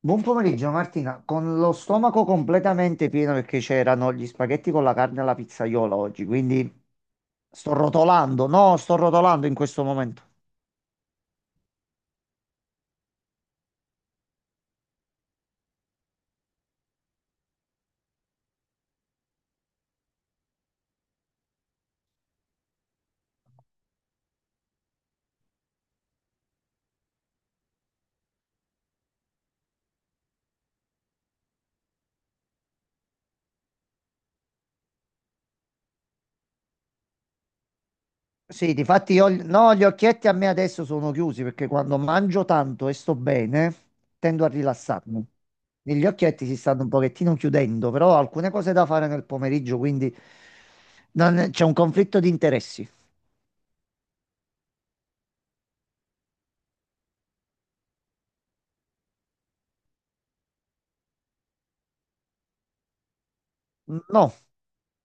Buon pomeriggio Martina, con lo stomaco completamente pieno perché c'erano gli spaghetti con la carne alla pizzaiola oggi, quindi sto rotolando, no, sto rotolando in questo momento. Sì, difatti io, no, gli occhietti a me adesso sono chiusi perché quando mangio tanto e sto bene, tendo a rilassarmi. Gli occhietti si stanno un pochettino chiudendo, però ho alcune cose da fare nel pomeriggio, quindi non- c'è un conflitto di interessi. No,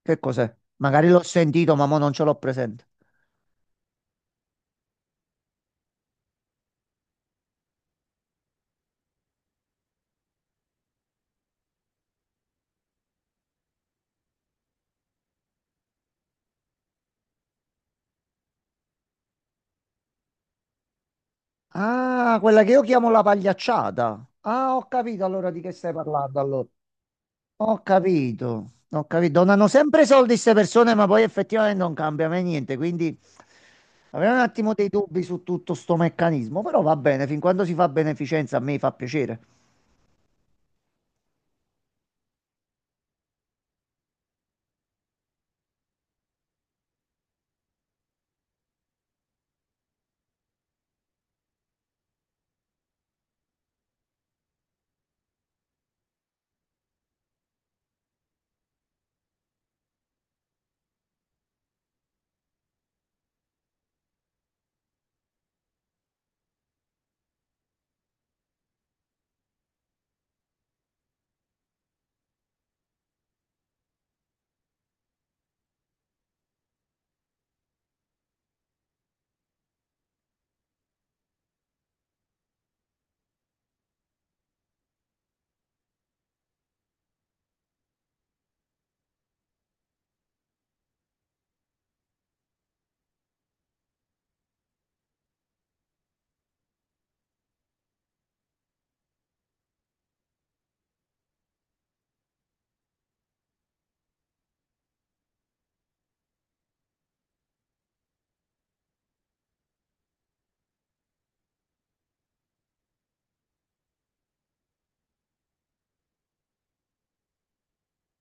che cos'è? Magari l'ho sentito, ma mo non ce l'ho presente. Ah, quella che io chiamo la pagliacciata. Ah, ho capito allora di che stai parlando allora. Ho capito, ho capito. Donano sempre soldi queste persone, ma poi effettivamente non cambia mai niente, quindi avrei un attimo dei dubbi su tutto sto meccanismo, però va bene, fin quando si fa beneficenza a me fa piacere.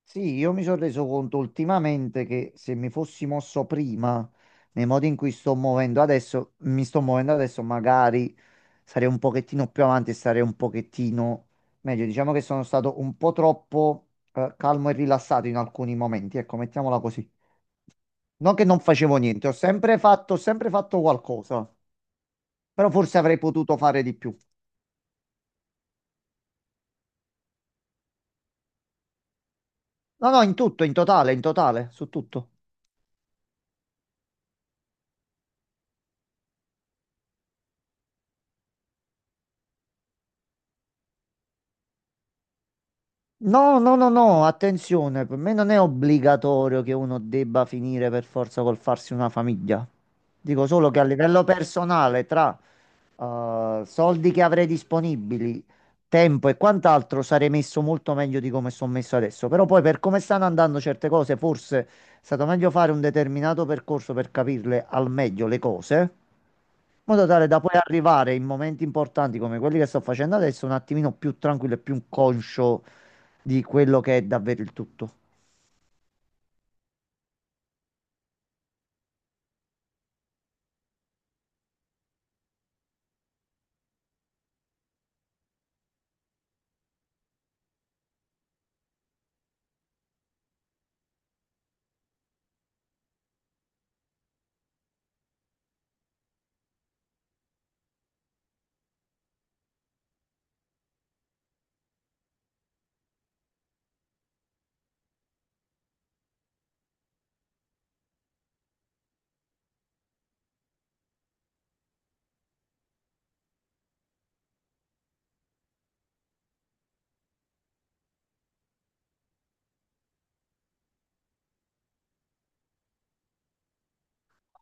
Sì, io mi sono reso conto ultimamente che se mi fossi mosso prima, nei modi in cui sto muovendo adesso, mi sto muovendo adesso, magari sarei un pochettino più avanti e sarei un pochettino meglio. Diciamo che sono stato un po' troppo calmo e rilassato in alcuni momenti, ecco, mettiamola così. Non che non facevo niente, ho sempre fatto qualcosa, però forse avrei potuto fare di più. No, no, in tutto, in totale, su tutto. No, no, no, no, attenzione, per me non è obbligatorio che uno debba finire per forza col farsi una famiglia. Dico solo che a livello personale, tra soldi che avrei disponibili, tempo e quant'altro, sarei messo molto meglio di come sono messo adesso. Però poi per come stanno andando certe cose, forse è stato meglio fare un determinato percorso per capirle al meglio le cose, in modo tale da poi arrivare in momenti importanti come quelli che sto facendo adesso un attimino più tranquillo e più conscio di quello che è davvero il tutto.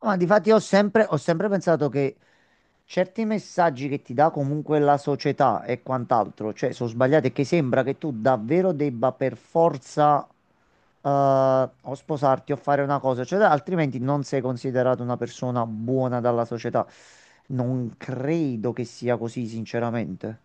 Ma difatti ho sempre pensato che certi messaggi che ti dà comunque la società e quant'altro, cioè sono sbagliati e che sembra che tu davvero debba per forza o sposarti o fare una cosa, cioè altrimenti non sei considerato una persona buona dalla società. Non credo che sia così, sinceramente.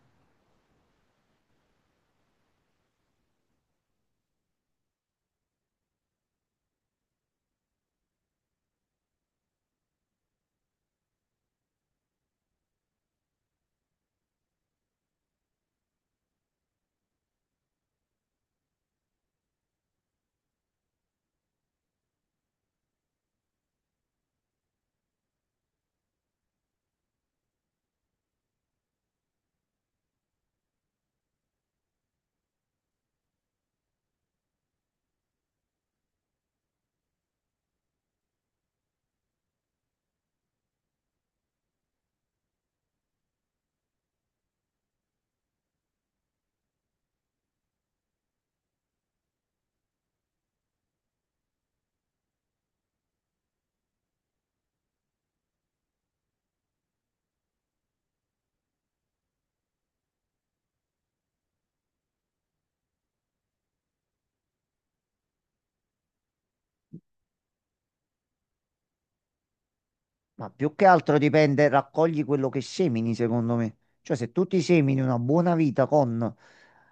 Ma più che altro dipende, raccogli quello che semini, secondo me. Cioè, se tu ti semini una buona vita con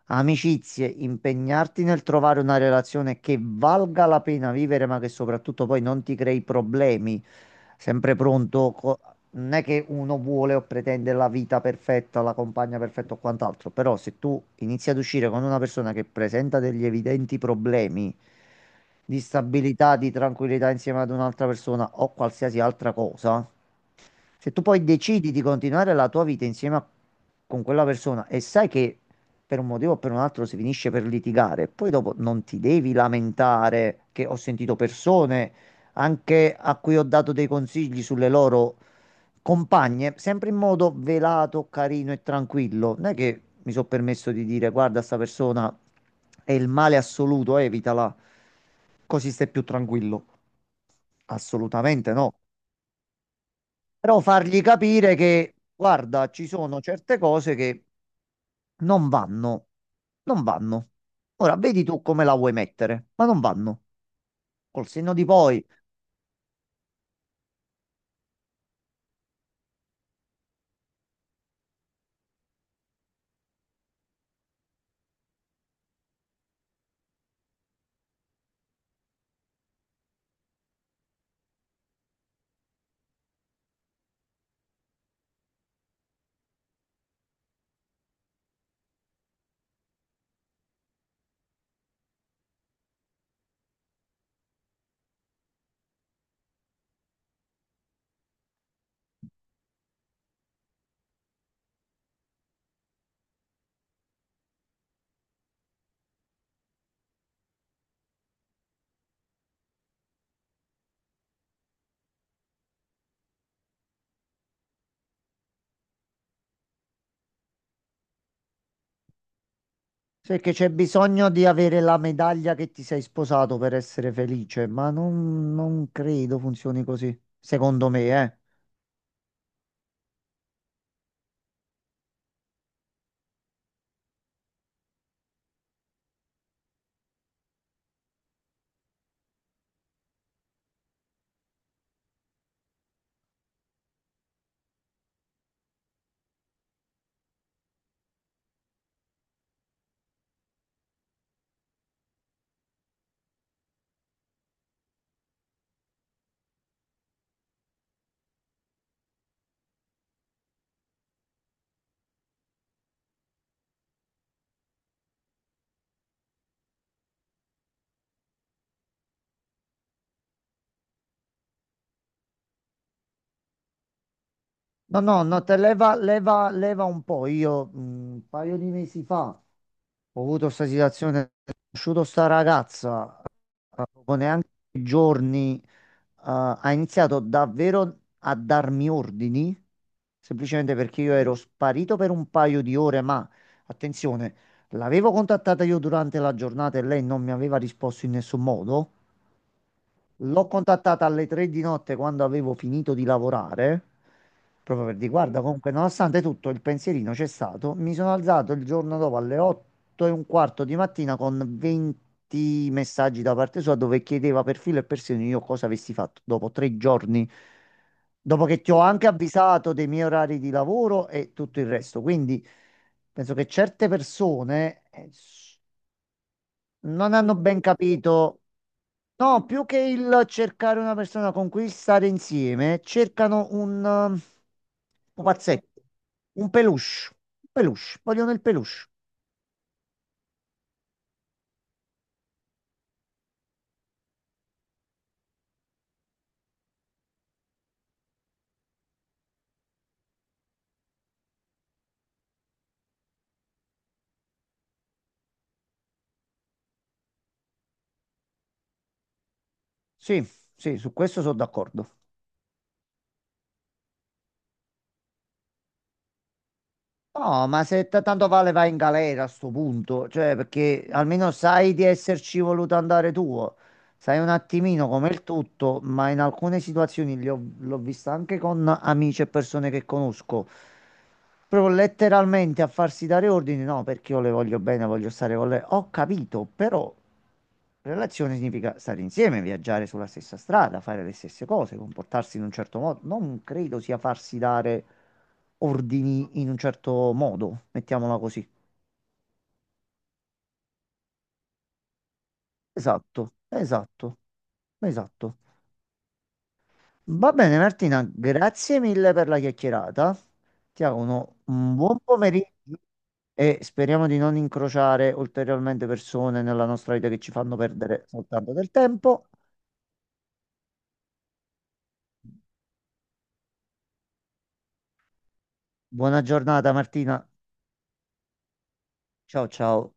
amicizie, impegnarti nel trovare una relazione che valga la pena vivere, ma che soprattutto poi non ti crei problemi. Sempre pronto, co- non è che uno vuole o pretende la vita perfetta, la compagna perfetta o quant'altro, però se tu inizi ad uscire con una persona che presenta degli evidenti problemi di stabilità, di tranquillità insieme ad un'altra persona o qualsiasi altra cosa, se tu poi decidi di continuare la tua vita insieme a- con quella persona e sai che per un motivo o per un altro si finisce per litigare. Poi dopo non ti devi lamentare che ho sentito persone anche a cui ho dato dei consigli sulle loro compagne, sempre in modo velato, carino e tranquillo. Non è che mi sono permesso di dire guarda, sta persona è il male assoluto, evitala, così stai più tranquillo. Assolutamente no. Però fargli capire che guarda, ci sono certe cose che non vanno, non vanno. Ora vedi tu come la vuoi mettere, ma non vanno. Col senno di poi, perché c'è bisogno di avere la medaglia che ti sei sposato per essere felice, ma non, non credo funzioni così, secondo me, eh. No, no, no, te leva, leva, leva un po'. Io un paio di mesi fa ho avuto questa situazione, ho conosciuto sta ragazza, dopo neanche giorni ha iniziato davvero a darmi ordini, semplicemente perché io ero sparito per un paio di ore, ma attenzione, l'avevo contattata io durante la giornata e lei non mi aveva risposto in nessun modo. L'ho contattata alle tre di notte quando avevo finito di lavorare, proprio per dire, guarda, comunque, nonostante tutto, il pensierino c'è stato. Mi sono alzato il giorno dopo alle 8 e un quarto di mattina con 20 messaggi da parte sua dove chiedeva per filo e per segno io cosa avessi fatto dopo tre giorni, dopo che ti ho anche avvisato dei miei orari di lavoro e tutto il resto. Quindi penso che certe persone non hanno ben capito. No, più che il cercare una persona con cui stare insieme, cercano un pupazzetto, un peluche, un peluche, vogliono il peluche. Sì, sì, su questo sono d'accordo. No, ma se t- tanto vale vai in galera a sto punto, cioè perché almeno sai di esserci voluto andare tu. Sai un attimino come il tutto, ma in alcune situazioni li ho- l'ho vista anche con amici e persone che conosco. Proprio letteralmente a farsi dare ordini, no, perché io le voglio bene, voglio stare con lei. Ho capito, però relazione significa stare insieme, viaggiare sulla stessa strada, fare le stesse cose, comportarsi in un certo modo. Non credo sia farsi dare ordini in un certo modo, mettiamola così. Esatto, esatto, esatto. Va bene Martina, grazie mille per la chiacchierata. Ti auguro un buon pomeriggio e speriamo di non incrociare ulteriormente persone nella nostra vita che ci fanno perdere soltanto del tempo. Buona giornata Martina. Ciao ciao.